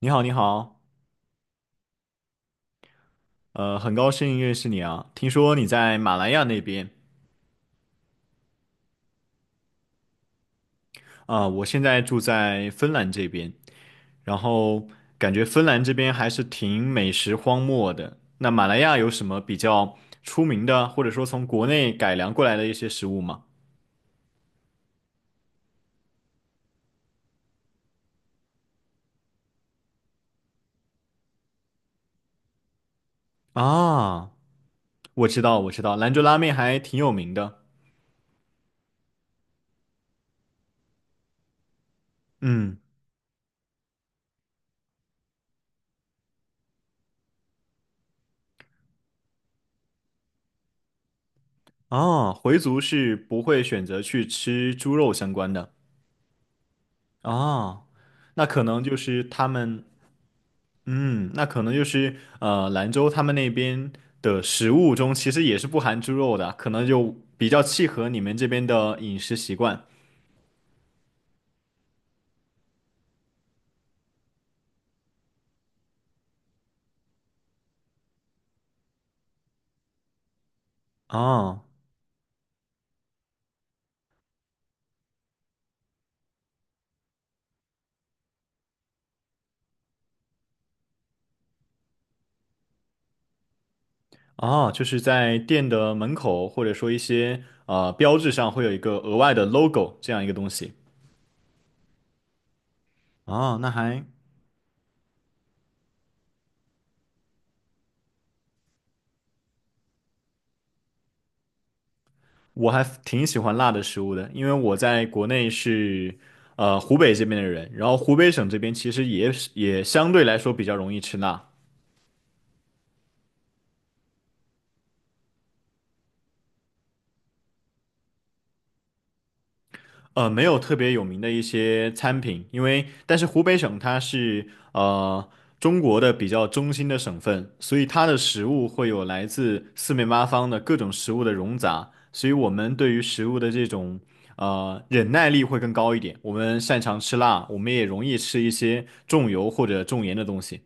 你好，你好，很高兴认识你啊。听说你在马来亚那边。啊，我现在住在芬兰这边，然后感觉芬兰这边还是挺美食荒漠的。那马来亚有什么比较出名的，或者说从国内改良过来的一些食物吗？啊，我知道，我知道，兰州拉面还挺有名的。嗯。啊，回族是不会选择去吃猪肉相关的。啊，那可能就是他们。嗯，那可能就是兰州他们那边的食物中其实也是不含猪肉的，可能就比较契合你们这边的饮食习惯。哦哦，就是在店的门口或者说一些标志上会有一个额外的 logo 这样一个东西。哦，那还我还挺喜欢辣的食物的，因为我在国内是湖北这边的人，然后湖北省这边其实也是也相对来说比较容易吃辣。呃，没有特别有名的一些餐品，因为但是湖北省它是中国的比较中心的省份，所以它的食物会有来自四面八方的各种食物的融杂，所以我们对于食物的这种忍耐力会更高一点。我们擅长吃辣，我们也容易吃一些重油或者重盐的东西。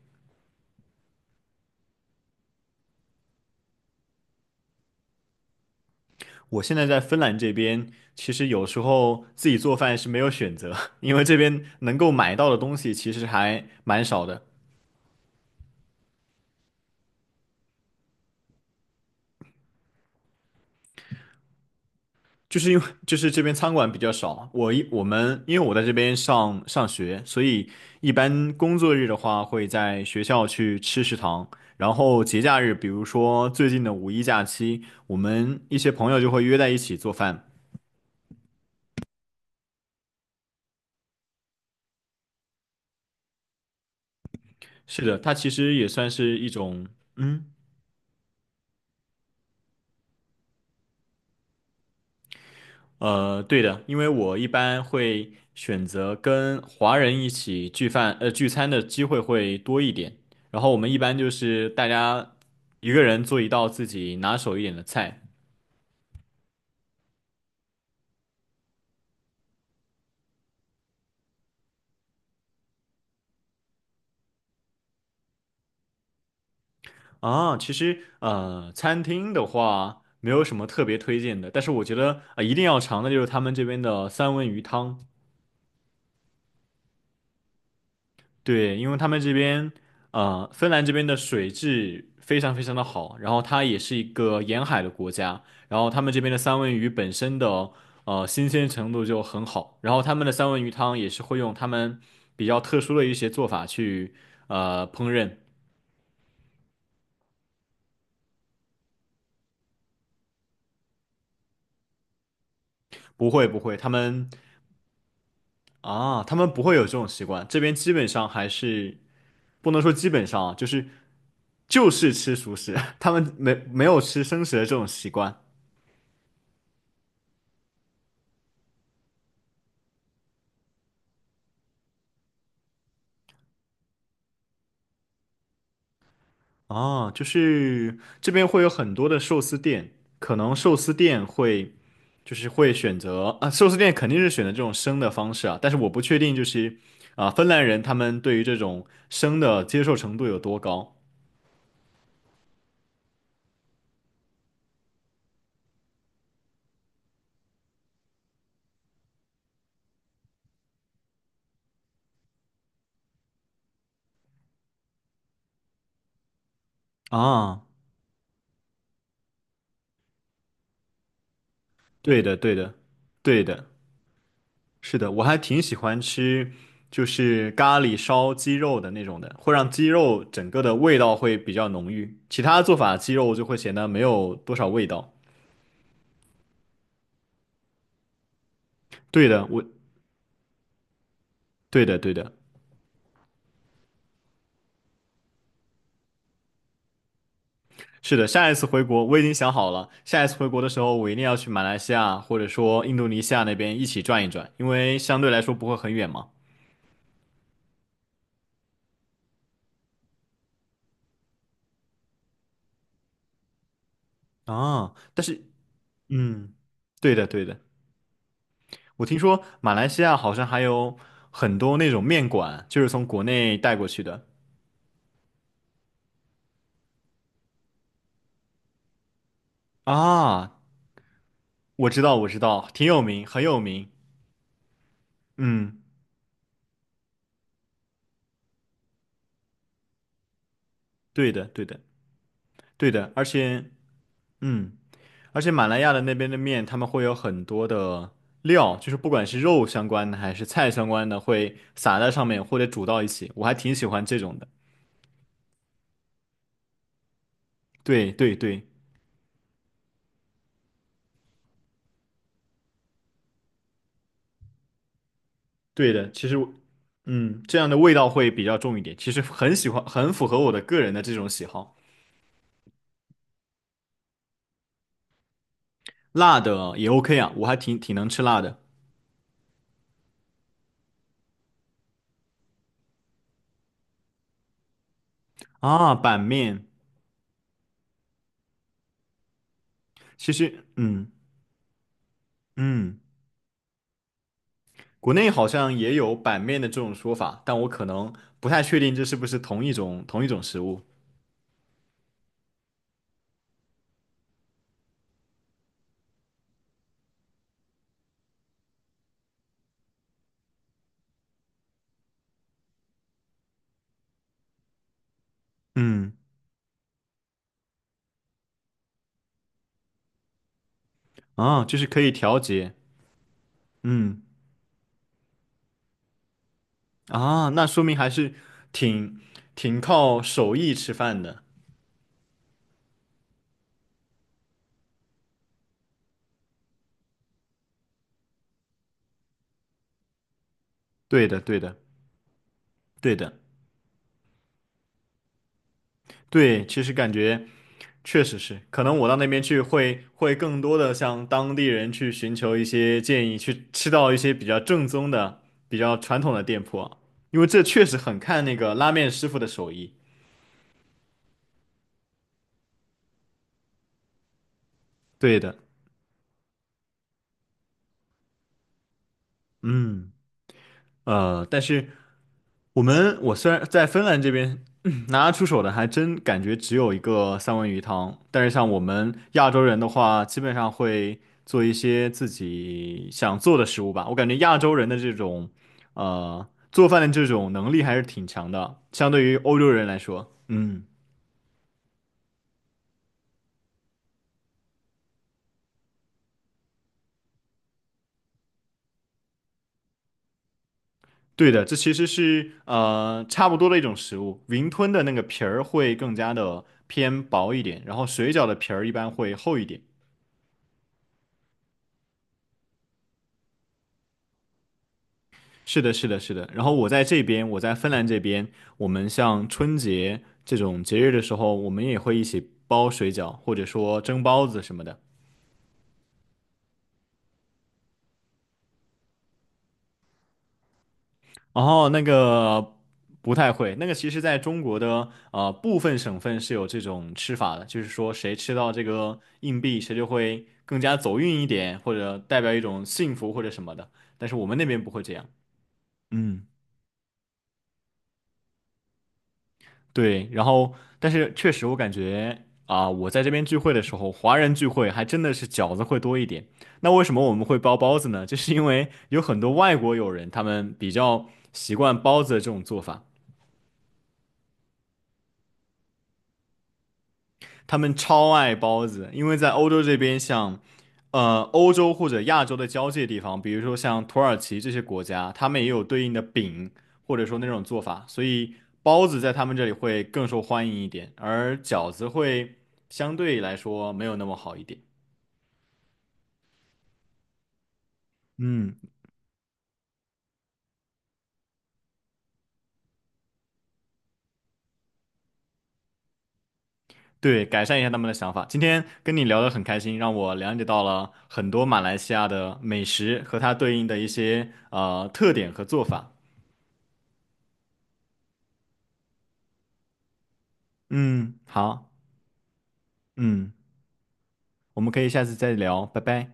我现在在芬兰这边，其实有时候自己做饭是没有选择，因为这边能够买到的东西其实还蛮少的。就是因为就是这边餐馆比较少，我们因为我在这边上学，所以一般工作日的话会在学校去吃食堂，然后节假日，比如说最近的五一假期，我们一些朋友就会约在一起做饭。是的，它其实也算是一种。嗯。呃，对的，因为我一般会选择跟华人一起聚饭，呃，聚餐的机会会多一点。然后我们一般就是大家一个人做一道自己拿手一点的菜。啊。其实，呃，餐厅的话没有什么特别推荐的，但是我觉得，呃，一定要尝的就是他们这边的三文鱼汤。对，因为他们这边，呃，芬兰这边的水质非常非常的好，然后它也是一个沿海的国家，然后他们这边的三文鱼本身的新鲜程度就很好，然后他们的三文鱼汤也是会用他们比较特殊的一些做法去烹饪。不会不会，他们啊，他们不会有这种习惯，这边基本上还是不能说基本上啊，就是吃熟食，他们没有吃生食的这种习惯。啊，就是这边会有很多的寿司店，可能寿司店会就是会选择啊，寿司店肯定是选择这种生的方式啊，但是我不确定就是啊，芬兰人他们对于这种生的接受程度有多高。啊？对的，对的，对的。是的，我还挺喜欢吃就是咖喱烧鸡肉的那种的，会让鸡肉整个的味道会比较浓郁，其他做法鸡肉就会显得没有多少味道。对的，我对的，对的。是的，下一次回国我已经想好了，下一次回国的时候我一定要去马来西亚或者说印度尼西亚那边一起转一转，因为相对来说不会很远嘛。啊，但是。嗯，对的对的。我听说马来西亚好像还有很多那种面馆，就是从国内带过去的。啊，我知道我知道，挺有名，很有名。嗯，对的对的对的。而且，嗯。而且马来亚的那边的面，他们会有很多的料，就是不管是肉相关的还是菜相关的，会撒在上面或者煮到一起，我还挺喜欢这种的。对对对，对的，其实我嗯，这样的味道会比较重一点，其实很喜欢，很符合我的个人的这种喜好。辣的也 OK 啊，我还挺能吃辣的。啊。板面，其实嗯嗯，国内好像也有板面的这种说法，但我可能不太确定这是不是同一种食物。嗯。啊，就是可以调节。嗯。啊，那说明还是挺挺靠手艺吃饭的。对的，对的，对的，对，其实感觉确实是，可能我到那边去会更多的向当地人去寻求一些建议，去吃到一些比较正宗的、比较传统的店铺啊，因为这确实很看那个拉面师傅的手艺。对的。嗯。呃，但是。我们我虽然在芬兰这边嗯 拿得出手的，还真感觉只有一个三文鱼汤。但是像我们亚洲人的话，基本上会做一些自己想做的食物吧。我感觉亚洲人的这种做饭的这种能力还是挺强的，相对于欧洲人来说。嗯，对的，这其实是差不多的一种食物。云吞的那个皮儿会更加的偏薄一点，然后水饺的皮儿一般会厚一点。是的，是的，是的。然后我在芬兰这边，我们像春节这种节日的时候，我们也会一起包水饺，或者说蒸包子什么的。然后那个不太会，那个其实在中国的部分省份是有这种吃法的，就是说谁吃到这个硬币，谁就会更加走运一点，或者代表一种幸福或者什么的。但是我们那边不会这样。嗯。对，然后但是确实我感觉啊、我在这边聚会的时候，华人聚会还真的是饺子会多一点。那为什么我们会包包子呢？就是因为有很多外国友人，他们比较习惯包子的这种做法。他们超爱包子，因为在欧洲这边像，呃，欧洲或者亚洲的交界地方，比如说像土耳其这些国家，他们也有对应的饼，或者说那种做法，所以包子在他们这里会更受欢迎一点，而饺子会相对来说没有那么好一点。嗯，对，改善一下他们的想法。今天跟你聊得很开心，让我了解到了很多马来西亚的美食和它对应的一些特点和做法。嗯，好，嗯。我们可以下次再聊，拜拜。